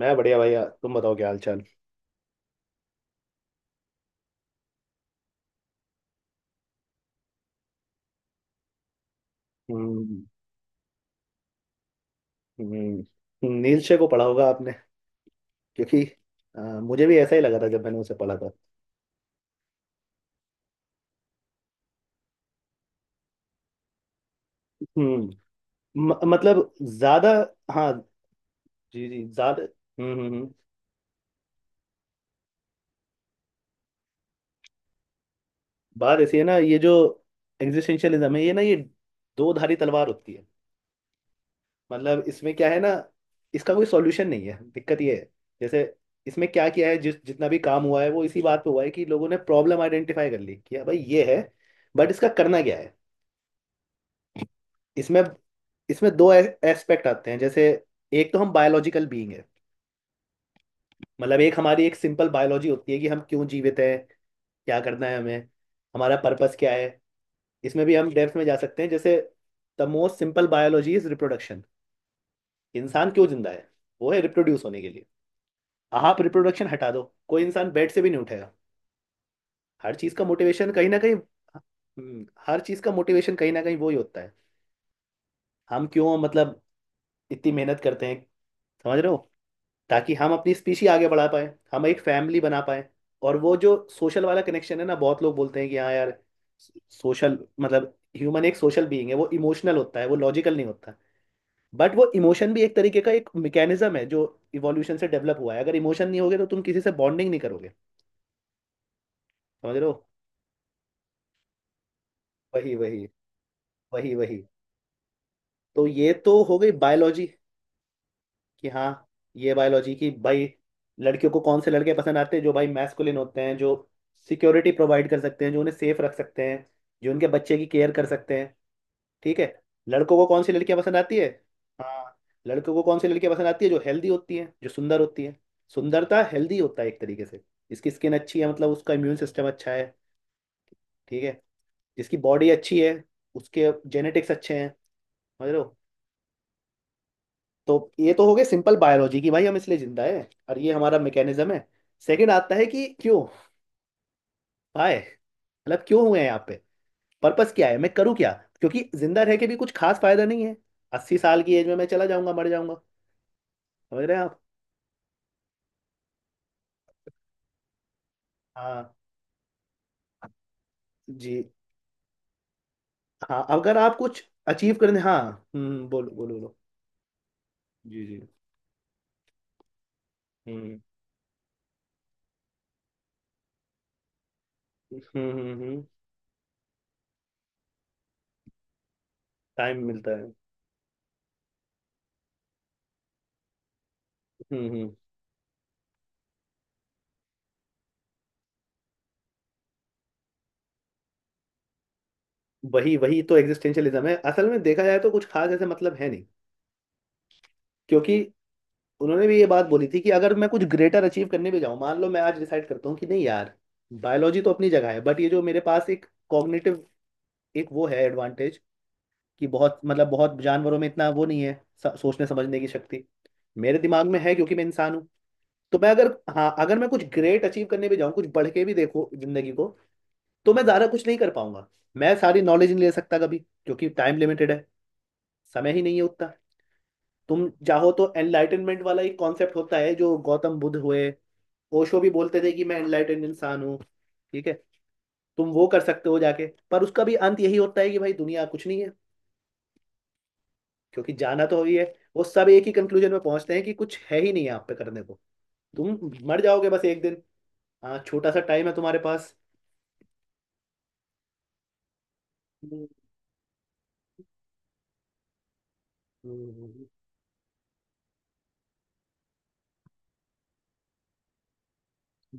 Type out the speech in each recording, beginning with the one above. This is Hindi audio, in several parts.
मैं बढ़िया भैया। तुम बताओ, क्या हाल चाल। हम्म हम्म, नीलशे को पढ़ा होगा आपने, क्योंकि मुझे भी ऐसा ही लगा था जब मैंने उसे पढ़ा था। हम्म। मतलब ज्यादा। हाँ। जी जी, ज्यादा। बात ऐसी है ना, ये जो एग्जिस्टेंशियलिज्म है ये ना, ये दो धारी तलवार होती है। मतलब इसमें क्या है ना, इसका कोई सॉल्यूशन नहीं है, दिक्कत ये है। जैसे इसमें क्या किया है, जिस जितना भी काम हुआ है वो इसी बात पे हुआ है कि लोगों ने प्रॉब्लम आइडेंटिफाई कर ली कि हाँ भाई ये है। बट इसका करना क्या है? इसमें इसमें दो एस्पेक्ट आते हैं। जैसे, एक तो हम बायोलॉजिकल बीइंग है। मतलब एक हमारी एक सिंपल बायोलॉजी होती है कि हम क्यों जीवित हैं, क्या करना है हमें, हमारा पर्पस क्या है। इसमें भी हम डेप्थ में जा सकते हैं। जैसे, the most simple biology is reproduction. इंसान क्यों जिंदा है? वो है रिप्रोड्यूस होने के लिए। आप रिप्रोडक्शन हटा दो, कोई इंसान बेड से भी नहीं उठेगा। हर चीज का मोटिवेशन कहीं ना कहीं। हर चीज का मोटिवेशन कहीं ना कहीं वो ही होता है। हम क्यों मतलब इतनी मेहनत करते हैं, समझ रहे हो, ताकि हम अपनी स्पीशी आगे बढ़ा पाए, हम एक फैमिली बना पाए। और वो जो सोशल वाला कनेक्शन है ना, बहुत लोग बोलते हैं कि हाँ यार, सोशल मतलब ह्यूमन एक सोशल बीइंग है, वो इमोशनल होता है, वो लॉजिकल नहीं होता। बट वो इमोशन भी एक तरीके का एक मैकेनिज्म है जो इवोल्यूशन से डेवलप हुआ है। अगर इमोशन नहीं होगे तो तुम किसी से बॉन्डिंग नहीं करोगे, समझ रहे हो। वही वही। वही वही। तो ये तो हो गई बायोलॉजी कि हाँ, ये बायोलॉजी की भाई। लड़कियों को कौन से लड़के पसंद आते हैं? जो भाई मैस्कुलिन होते हैं, जो सिक्योरिटी प्रोवाइड कर सकते हैं, जो उन्हें सेफ रख सकते हैं, जो उनके बच्चे की केयर कर सकते हैं। ठीक है, लड़कों को कौन सी लड़कियां पसंद आती है। हाँ, लड़कों को कौन सी लड़कियां पसंद आती है? जो हेल्दी होती हैं, जो सुंदर होती हैं। सुंदरता हेल्दी होता है एक तरीके से। इसकी स्किन अच्छी है मतलब उसका इम्यून सिस्टम अच्छा है। ठीक है, जिसकी बॉडी अच्छी है उसके जेनेटिक्स अच्छे हैं, समझ लो। तो ये तो हो गए सिंपल बायोलॉजी की भाई हम इसलिए जिंदा है और ये हमारा मैकेनिज्म है। सेकंड आता है कि क्यों, हाय मतलब क्यों हुए हैं यहाँ पे। पर्पस क्या है, मैं करूँ क्या। क्योंकि जिंदा रह के भी कुछ खास फायदा नहीं है। 80 साल की एज में मैं चला जाऊंगा, मर जाऊंगा। समझ रहे हैं आप। हाँ। जी। हाँ अगर आप कुछ अचीव करने। हाँ। बोलो बोलो बोलो। जी जी। हम्म हम्म। टाइम मिलता है। हम्म। वही वही, तो एग्जिस्टेंशियलिज्म है असल में। देखा जाए तो कुछ खास ऐसे मतलब है नहीं, क्योंकि उन्होंने भी ये बात बोली थी कि अगर मैं कुछ ग्रेटर अचीव करने भी जाऊं, मान लो मैं आज डिसाइड करता हूँ कि नहीं यार, बायोलॉजी तो अपनी जगह है बट ये जो मेरे पास एक कॉग्निटिव एक वो है एडवांटेज, कि बहुत मतलब बहुत जानवरों में इतना वो नहीं है, सोचने समझने की शक्ति मेरे दिमाग में है क्योंकि मैं इंसान हूँ। तो मैं अगर, हाँ अगर मैं कुछ ग्रेट अचीव करने भी जाऊँ, कुछ बढ़ के भी देखो जिंदगी को, तो मैं ज़्यादा कुछ नहीं कर पाऊंगा। मैं सारी नॉलेज नहीं ले सकता कभी क्योंकि टाइम लिमिटेड है, समय ही नहीं है उतना। तुम चाहो तो एनलाइटनमेंट वाला एक कॉन्सेप्ट होता है, जो गौतम बुद्ध हुए, ओशो भी बोलते थे कि मैं एनलाइटेंड इंसान हूँ, ठीक है, तुम वो कर सकते हो जाके। पर उसका भी अंत यही होता है कि भाई दुनिया कुछ नहीं है, क्योंकि जाना तो वही है। वो सब एक ही कंक्लूजन में पहुंचते हैं कि कुछ है ही नहीं है आप पे करने को, तुम मर जाओगे बस एक दिन। हाँ, छोटा सा टाइम है तुम्हारे पास। हम्म, हम्म।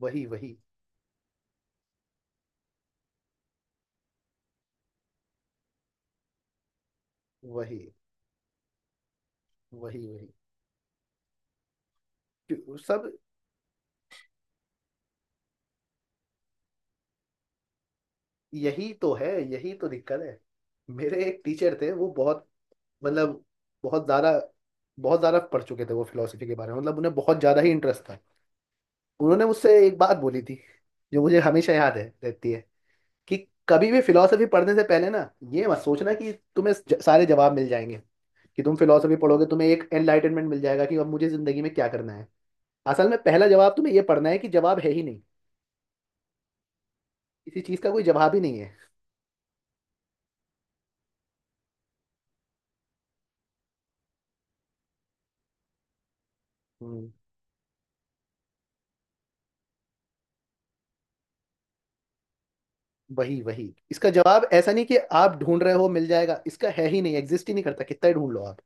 वही वही, वही वही। वही सब, यही तो है, यही तो दिक्कत है। मेरे एक टीचर थे, वो बहुत मतलब बहुत ज्यादा, बहुत ज्यादा पढ़ चुके थे वो फिलोसफी के बारे में, मतलब उन्हें बहुत ज्यादा ही इंटरेस्ट था। उन्होंने मुझसे एक बात बोली थी जो मुझे हमेशा याद है रहती है, कि कभी भी फिलोसफी पढ़ने से पहले ना, ये मत सोचना कि तुम्हें सारे जवाब मिल जाएंगे, कि तुम फिलोसफी पढ़ोगे तुम्हें एक एनलाइटनमेंट मिल जाएगा कि अब मुझे जिंदगी में क्या करना है। असल में पहला जवाब तुम्हें ये पढ़ना है कि जवाब है ही नहीं, किसी चीज का कोई जवाब ही नहीं है। हम्म, वही वही। इसका जवाब ऐसा नहीं कि आप ढूंढ रहे हो मिल जाएगा, इसका है ही नहीं, एग्जिस्ट ही नहीं करता कितना ही ढूंढ लो आप।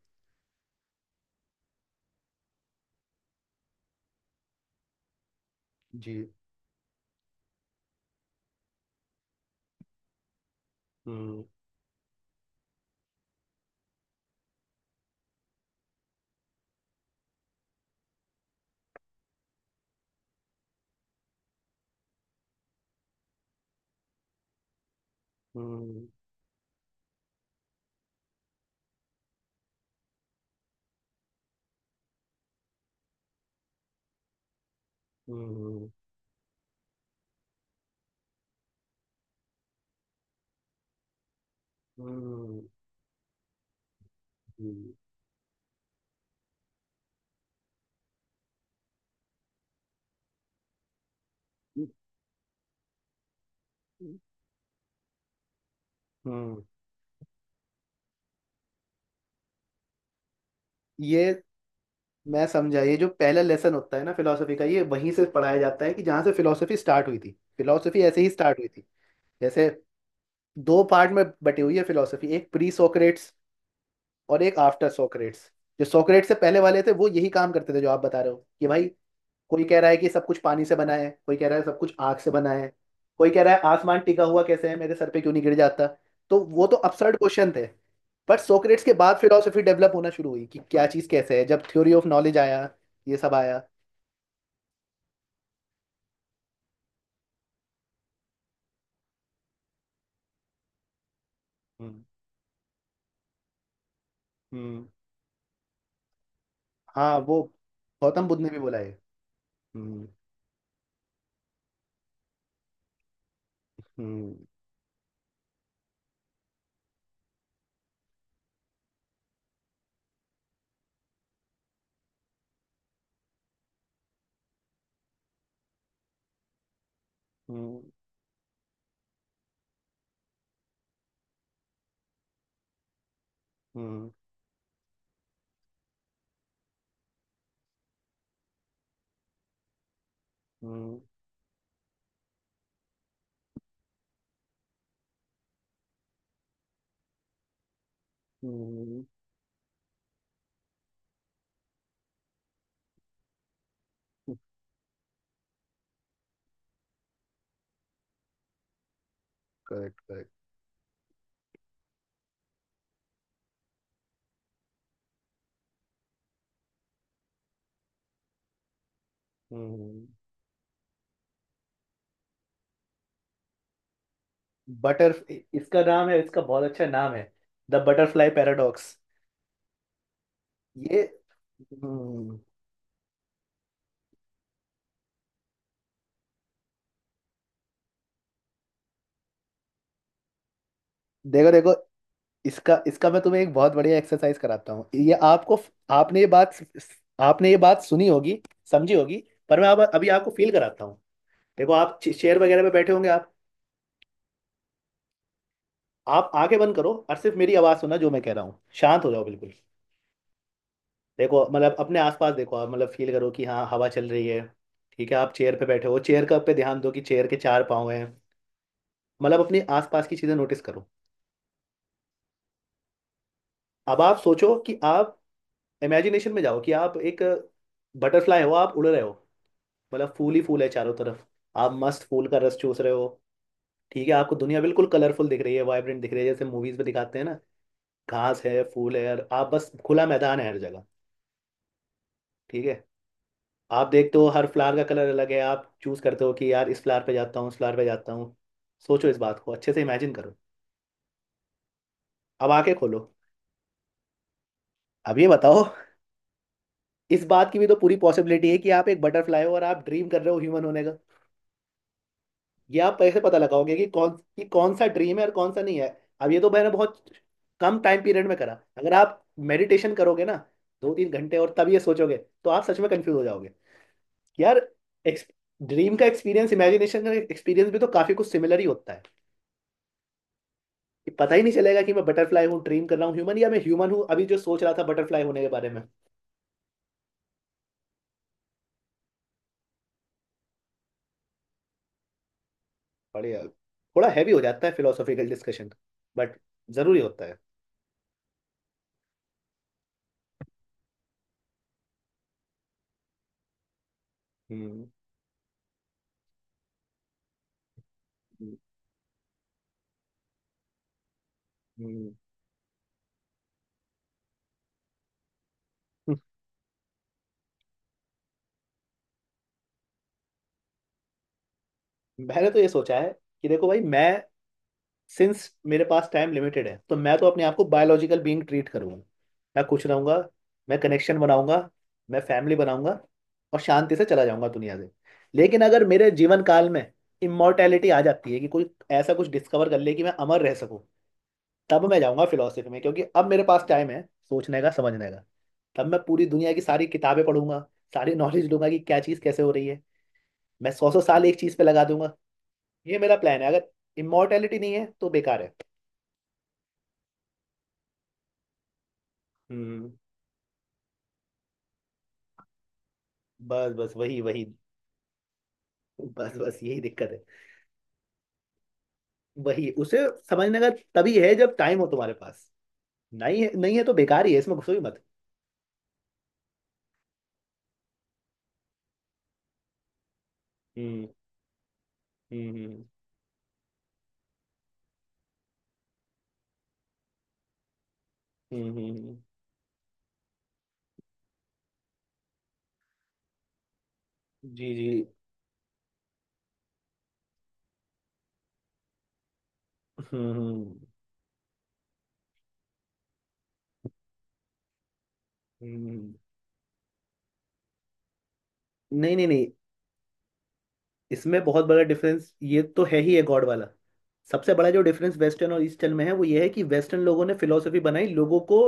जी। हम्म हम्म हम्म हम्म हम्म, हम्म। ये, मैं समझा। ये जो पहला लेसन होता है ना फिलोसफी का, ये वहीं से पढ़ाया जाता है कि जहाँ से फिलोसफी स्टार्ट हुई थी। फिलोसफी ऐसे ही स्टार्ट हुई थी। जैसे, दो पार्ट में बटी हुई है फिलोसफी, एक प्री सोक्रेट्स और एक आफ्टर सोक्रेट्स। जो सोक्रेट्स से पहले वाले थे वो यही काम करते थे जो आप बता रहे हो, कि भाई कोई कह रहा है कि सब कुछ पानी से बना है, कोई कह रहा है सब कुछ आग से बना है, कोई कह रहा है आसमान टिका हुआ कैसे है मेरे सर पे, क्यों नहीं गिर जाता। तो वो तो अपसर्ड क्वेश्चन थे। बट सोक्रेट्स के बाद फिलोसफी डेवलप होना शुरू हुई कि क्या चीज़ कैसे है, जब थ्योरी ऑफ नॉलेज आया, ये सब आया। हम्म हम्म। हाँ वो, गौतम बुद्ध ने भी बोला है। हम्म हम्म हम्म हम्म हम्म। Correct correct. हम्म। बटर इसका नाम है, इसका बहुत अच्छा नाम है, द बटरफ्लाई पैराडॉक्स। ये। हम्म, देखो देखो, इसका इसका मैं तुम्हें एक बहुत बढ़िया एक्सरसाइज कराता हूँ। ये आपको, आपने ये बात आपने ये बात सुनी होगी, समझी होगी, पर मैं अब अभी आपको फील कराता हूँ। देखो आप चेयर वगैरह पे बैठे होंगे आप आंखें बंद करो और सिर्फ मेरी आवाज़ सुनना जो मैं कह रहा हूँ, शांत हो जाओ बिल्कुल। देखो मतलब अपने आसपास देखो आप, मतलब फील करो कि हाँ हवा चल रही है। ठीक है, आप चेयर पे बैठे हो, चेयर का पे ध्यान दो कि चेयर के चार पाँव हैं। मतलब अपने आसपास की चीज़ें नोटिस करो। अब आप सोचो कि आप इमेजिनेशन में जाओ कि आप एक बटरफ्लाई हो, आप उड़ रहे हो, मतलब फूल ही फूल है चारों तरफ। आप मस्त फूल का रस चूस रहे हो। ठीक है, आपको दुनिया बिल्कुल कलरफुल दिख रही है, वाइब्रेंट दिख रही है, जैसे मूवीज में दिखाते हैं ना। घास है, फूल है, और आप बस, खुला मैदान है हर जगह। ठीक है, आप देखते हो हर फ्लावर का कलर अलग है, आप चूज करते हो कि यार इस फ्लावर पे जाता हूँ, उस फ्लावर पे जाता हूँ। सोचो इस बात को, अच्छे से इमेजिन करो। अब आंखें खोलो। अब ये बताओ, इस बात की भी तो पूरी पॉसिबिलिटी है कि आप एक बटरफ्लाई हो और आप ड्रीम कर रहे हो ह्यूमन होने का। ये आप पैसे पता लगाओगे कि कौन सा ड्रीम है और कौन सा नहीं है। अब ये तो मैंने बहुत कम टाइम पीरियड में करा। अगर आप मेडिटेशन करोगे ना, 2 3 घंटे, और तब ये सोचोगे, तो आप सच में कंफ्यूज हो जाओगे कि यार, ड्रीम का एक्सपीरियंस इमेजिनेशन का एक्सपीरियंस भी तो काफी कुछ सिमिलर ही होता है, कि पता ही नहीं चलेगा कि मैं बटरफ्लाई हूँ ड्रीम कर रहा हूँ ह्यूमन, या मैं ह्यूमन हूँ अभी जो सोच रहा था बटरफ्लाई होने के बारे में। बढ़िया, थोड़ा हैवी हो जाता है फिलोसॉफिकल डिस्कशन, बट जरूरी होता है। हम्म हम्म, हम्म। मैंने तो ये सोचा है कि देखो भाई मैं, सिंस मेरे पास टाइम लिमिटेड है, तो मैं तो अपने आप को बायोलॉजिकल बीइंग ट्रीट करूंगा। मैं खुश रहूंगा, मैं कनेक्शन बनाऊंगा, मैं फैमिली बनाऊंगा, और शांति से चला जाऊंगा दुनिया से। लेकिन अगर मेरे जीवन काल में इमोर्टैलिटी आ जाती है कि कोई ऐसा कुछ डिस्कवर कर ले कि मैं अमर रह सकूं, तब मैं जाऊंगा फिलोसफी में क्योंकि अब मेरे पास टाइम है सोचने का समझने का। तब मैं पूरी दुनिया की सारी किताबें पढ़ूंगा, सारी नॉलेज लूंगा कि क्या चीज़ कैसे हो रही है। मैं सौ सौ साल एक चीज़ पे लगा दूंगा। ये मेरा प्लान है, अगर इमोर्टैलिटी नहीं है तो बेकार है। हम्म। बस बस, वही वही। बस बस, यही दिक्कत है। वही उसे समझने का तभी है जब टाइम हो तुम्हारे पास, नहीं है नहीं है तो बेकार ही है, इसमें घुसो ही मत। हम्म हम्म हम्म। जी जी। हम्म हम्म। नहीं नहीं नहीं, इसमें बहुत बड़ा डिफरेंस ये तो है ही है, गॉड वाला। सबसे बड़ा जो डिफरेंस वेस्टर्न और ईस्टर्न में है वो ये है कि वेस्टर्न लोगों ने फिलोसफी बनाई लोगों को,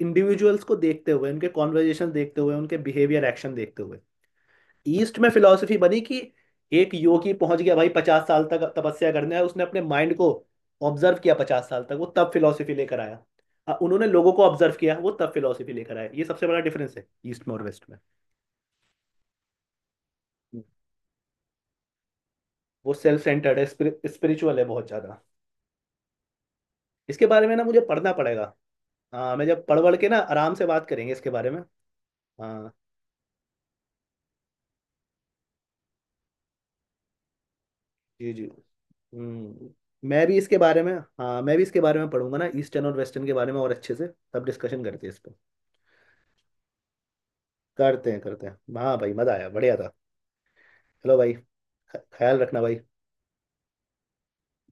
इंडिविजुअल्स को देखते हुए, उनके कॉन्वर्जेशन देखते हुए, उनके बिहेवियर एक्शन देखते हुए। ईस्ट में फिलॉसफी बनी कि एक योगी पहुंच गया भाई, 50 साल तक तपस्या करने है, उसने अपने माइंड को ऑब्जर्व किया 50 साल तक, वो तब फिलॉसफी लेकर आया। उन्होंने लोगों को ऑब्जर्व किया, वो तब फिलॉसफी लेकर आया। ये सबसे बड़ा डिफरेंस है ईस्ट में और वेस्ट में। वो सेल्फ सेंटर्ड है, स्पिरिचुअल है बहुत ज्यादा। इसके बारे में ना मुझे पढ़ना पड़ेगा। हाँ मैं जब पढ़ वढ़ के ना आराम से बात करेंगे इसके बारे में। हाँ। जी जी। हम्म। मैं भी इसके बारे में, हाँ मैं भी इसके बारे में पढ़ूंगा ना, ईस्टर्न और वेस्टर्न के बारे में और अच्छे से, तब डिस्कशन करते हैं इस पर। करते हैं करते हैं, हाँ भाई, मजा आया, बढ़िया था। चलो भाई, ख्याल रखना भाई।